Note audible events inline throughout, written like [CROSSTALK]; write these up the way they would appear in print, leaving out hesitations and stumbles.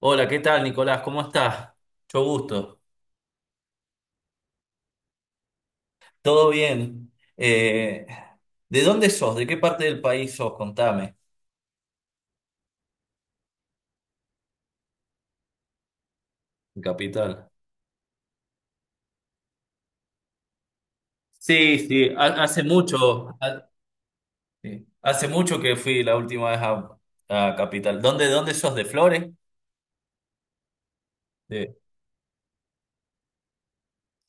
Hola, ¿qué tal, Nicolás? ¿Cómo estás? Mucho gusto. ¿Todo bien? ¿De dónde sos? ¿De qué parte del país sos? Contame. Mi Capital. Sí, sí, hace mucho, sí, hace mucho que fui la última vez a Capital. ¿Dónde sos? ¿De Flores? De-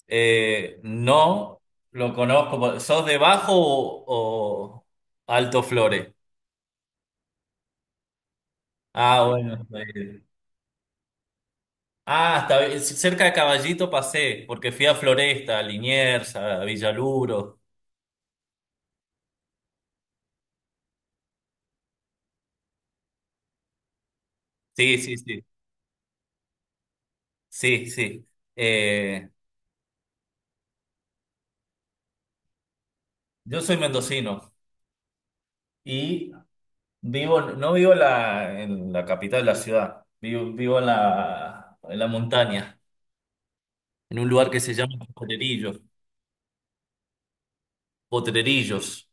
no, lo conozco. ¿Sos de Bajo o Alto Flores? Ah, bueno. Ah, cerca de Caballito pasé, porque fui a Floresta, a Liniers, a Villaluro. Sí, sí, sí. Sí, sí. Eh, yo soy mendocino y vivo, no vivo en en la capital de la ciudad, vivo, vivo en en la montaña, en un lugar que se llama Potrerillos. Potrerillos.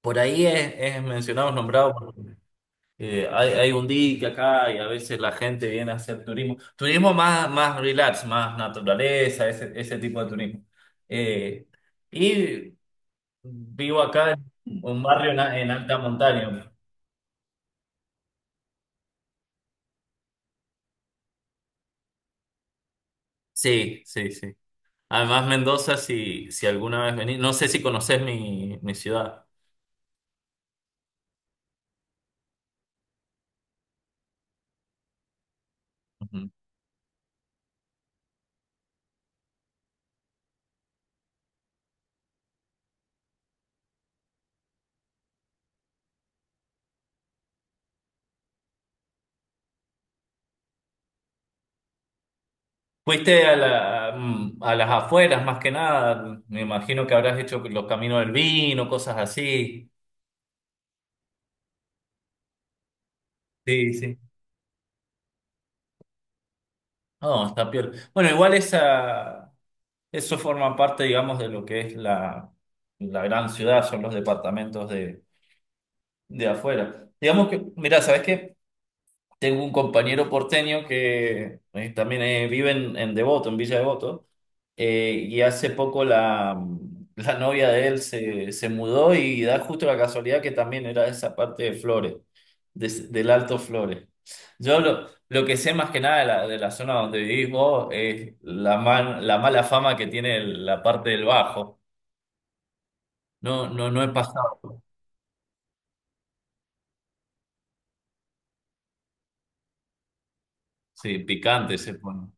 Por ahí es mencionado, nombrado. Hay, hay un día acá y a veces la gente viene a hacer turismo. Turismo más, más relax, más naturaleza, ese tipo de turismo. Eh, y vivo acá en un barrio en alta montaña. Sí, sí, sí. Además, Mendoza, si, si alguna vez venís, no sé si conocés mi ciudad. Ujú. Fuiste a a las afueras más que nada. Me imagino que habrás hecho los caminos del vino, cosas así. Sí, sí. No, está peor. Bueno, igual eso forma parte, digamos, de lo que es la gran ciudad, son los departamentos de afuera. Digamos que, mirá, ¿sabes qué? Tengo un compañero porteño que también vive en Devoto, en Villa Devoto, y hace poco la novia de él se mudó y da justo la casualidad que también era de esa parte de Flores, del Alto Flores. Yo lo que sé más que nada de de la zona donde vivís vos es la mala fama que tiene la parte del Bajo. No, no, no he pasado. Sí, picante se pone.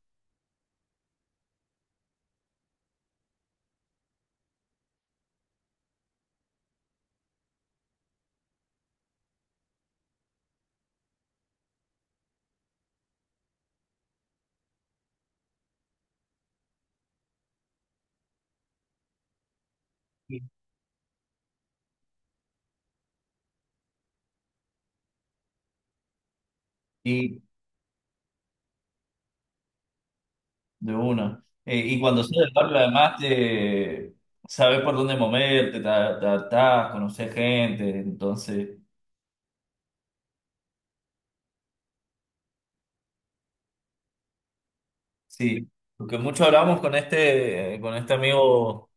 Y, de una. Y cuando sales del barrio, además, te sabes por dónde moverte, te adaptás, conoces gente. Entonces, sí. Lo que mucho hablamos con con este amigo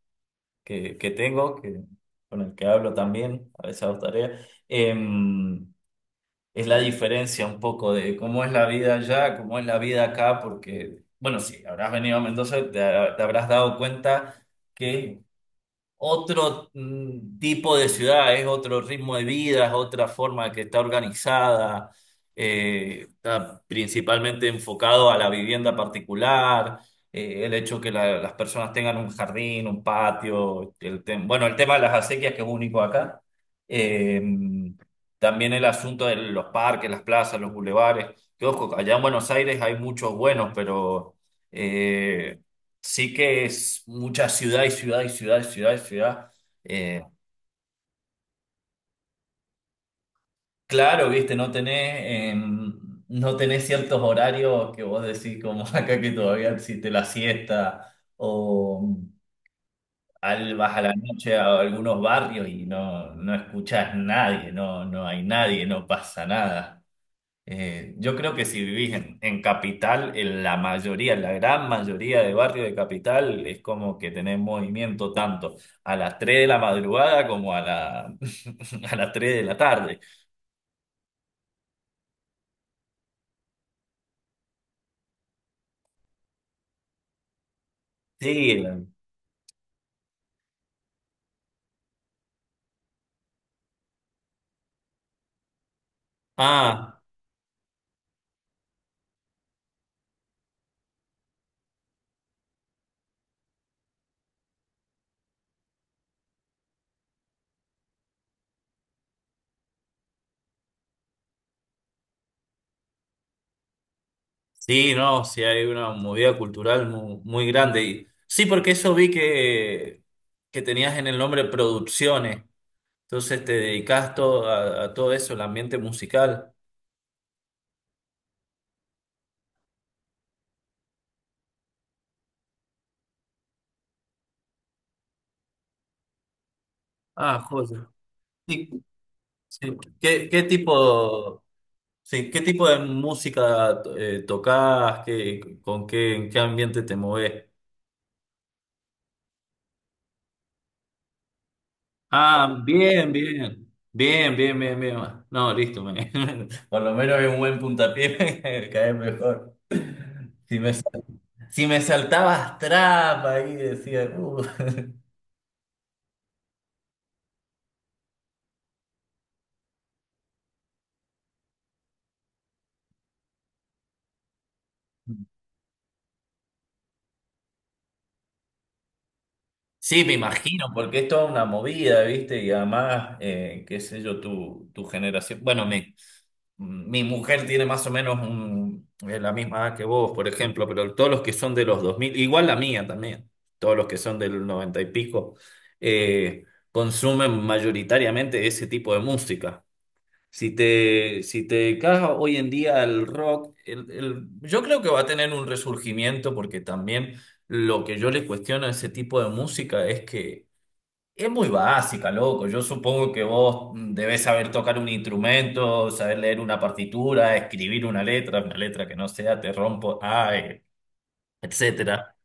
que tengo, que, con el que hablo también, a veces hago tareas, es la diferencia un poco de cómo es la vida allá, cómo es la vida acá, porque, bueno, sí, habrás venido a Mendoza, te habrás dado cuenta que otro tipo de ciudad, es otro ritmo de vida, es otra forma que está organizada, está principalmente enfocado a la vivienda particular, el hecho que las personas tengan un jardín, un patio, bueno, el tema de las acequias que es único acá, eh, también el asunto de los parques, las plazas, los bulevares, que ojo, allá en Buenos Aires hay muchos buenos, pero... eh, sí que es mucha ciudad y ciudad y ciudad y ciudad y ciudad. Eh, claro, viste, no tenés, no tenés ciertos horarios que vos decís como [LAUGHS] acá que todavía existe la siesta o al, vas a la noche a algunos barrios y no, no escuchás nadie, no, no hay nadie, no pasa nada. Yo creo que si vivís en capital, en la mayoría, la gran mayoría de barrios de capital es como que tenés movimiento tanto a las 3 de la madrugada como a [LAUGHS] a las 3 de la tarde. Sí, la- ah, sí, no, sí hay una movida cultural muy, grande. Sí, porque eso vi que tenías en el nombre producciones, entonces te dedicás todo, a todo eso, el ambiente musical. Ah, joya. Sí, sí. ¿Qué tipo... Sí, ¿qué tipo de música tocas? ¿Qué, con qué, en qué ambiente te mueves? Ah, bien, bien. Bien, bien, bien, bien. No, listo. [LAUGHS] Por lo menos hay un buen puntapié, [LAUGHS] me cae mejor. Si me, sal- si me saltabas trap ahí, decía. Sí, me imagino, porque es toda una movida, ¿viste? Y además, qué sé yo, tu generación. Bueno, mi mujer tiene más o menos la misma edad que vos, por ejemplo, pero todos los que son de los 2000, igual la mía también, todos los que son del 90 y pico, eh, consumen mayoritariamente ese tipo de música. Si te dedicas hoy en día el rock, yo creo que va a tener un resurgimiento porque también lo que yo le cuestiono a ese tipo de música es que es muy básica, loco. Yo supongo que vos debés saber tocar un instrumento, saber leer una partitura, escribir una letra que no sea te rompo, ay, etcétera.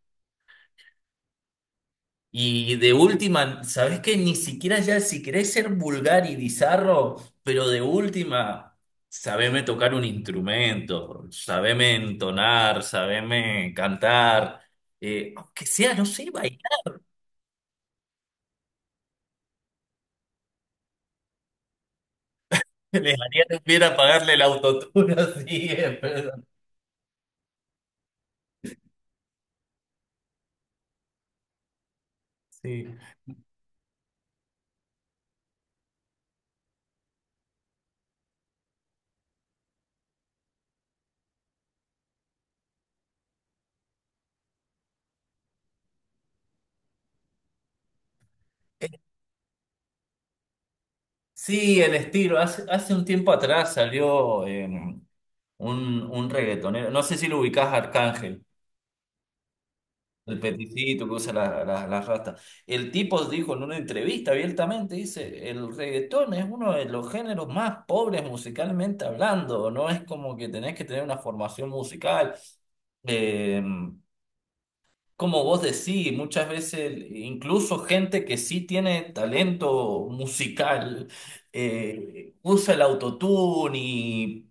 Y de última, ¿sabés qué? Ni siquiera ya, si querés ser vulgar y bizarro, pero de última, sabeme tocar un instrumento, sabeme entonar, sabeme cantar, aunque sea, no sé, bailar. [LAUGHS] Les haría hubiera pagarle el autotune [LAUGHS] así, perdón. Sí. Eh, sí, el estilo. Hace, hace un tiempo atrás salió un reggaetonero, no sé si lo ubicás, Arcángel. El peticito que usa la rasta. El tipo dijo en una entrevista abiertamente, dice, el reggaetón es uno de los géneros más pobres musicalmente hablando, no es como que tenés que tener una formación musical. Eh, como vos decís, muchas veces incluso gente que sí tiene talento musical usa el autotune y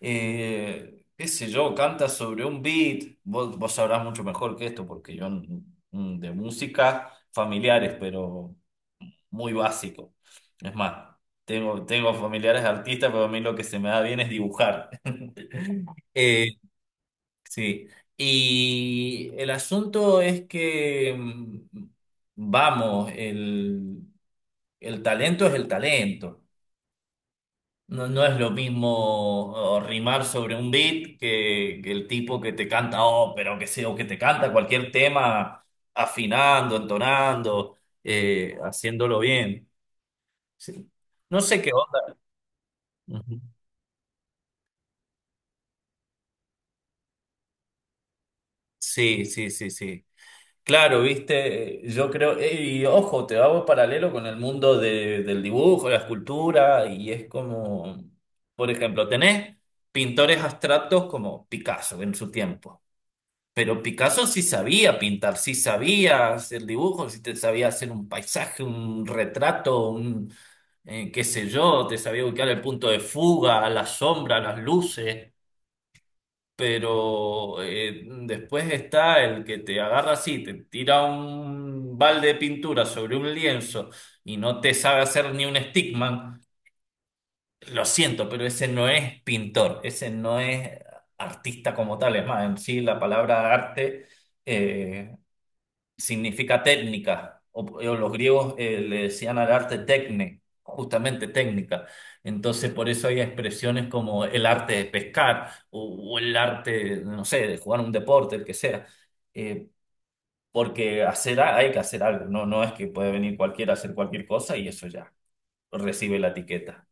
qué sé yo, canta sobre un beat, vos sabrás mucho mejor que esto, porque yo de música familiares, pero muy básico. Es más, tengo, tengo familiares artistas, pero a mí lo que se me da bien es dibujar. [LAUGHS] Eh, sí, y el asunto es que, vamos, el talento es el talento. No, no es lo mismo o, rimar sobre un beat que el tipo que te canta ópera o que sea, o que te canta cualquier tema afinando, entonando, haciéndolo bien. Sí. No sé qué onda. Ujú. Sí, sí, sí, sí. Claro, viste, yo creo, y ojo, te hago paralelo con el mundo del dibujo, la escultura, y es como, por ejemplo, tenés pintores abstractos como Picasso en su tiempo. Pero Picasso sí sabía pintar, sí sabía hacer dibujos, sí te sabía hacer un paisaje, un retrato, un qué sé yo, te sabía ubicar el punto de fuga, la sombra, las luces. Pero después está el que te agarra así, te tira un balde de pintura sobre un lienzo y no te sabe hacer ni un stickman. Lo siento, pero ese no es pintor, ese no es artista como tal. Es más, en sí la palabra arte eh, significa técnica, o los griegos le decían al arte tecne, justamente técnica. Entonces, por eso hay expresiones como el arte de pescar o el arte, no sé, de jugar un deporte, el que sea. Eh, porque hacer, hay que hacer algo, no, no es que puede venir cualquiera a hacer cualquier cosa y eso ya recibe la etiqueta.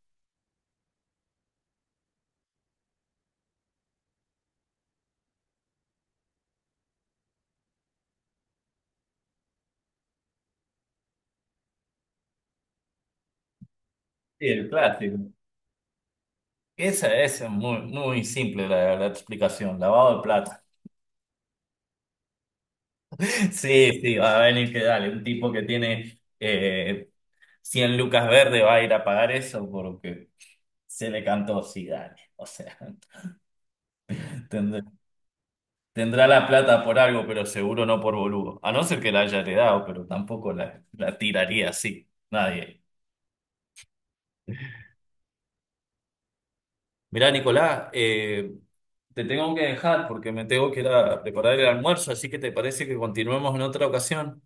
Sí, el clásico. Esa es muy, muy simple la explicación, lavado de plata. [LAUGHS] Sí, sí, va a venir que dale, un tipo que tiene cien lucas verde va a ir a pagar eso porque se le cantó, sí, dale. O sea, [LAUGHS] tendrá, tendrá la plata por algo, pero seguro no por boludo. A no ser que la haya heredado, pero tampoco la tiraría así. Nadie. Mirá, Nicolás, te tengo que dejar porque me tengo que ir a preparar el almuerzo, así que te parece que continuemos en otra ocasión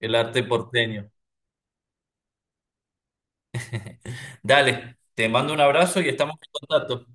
el arte porteño. Dale, te mando un abrazo y estamos en contacto.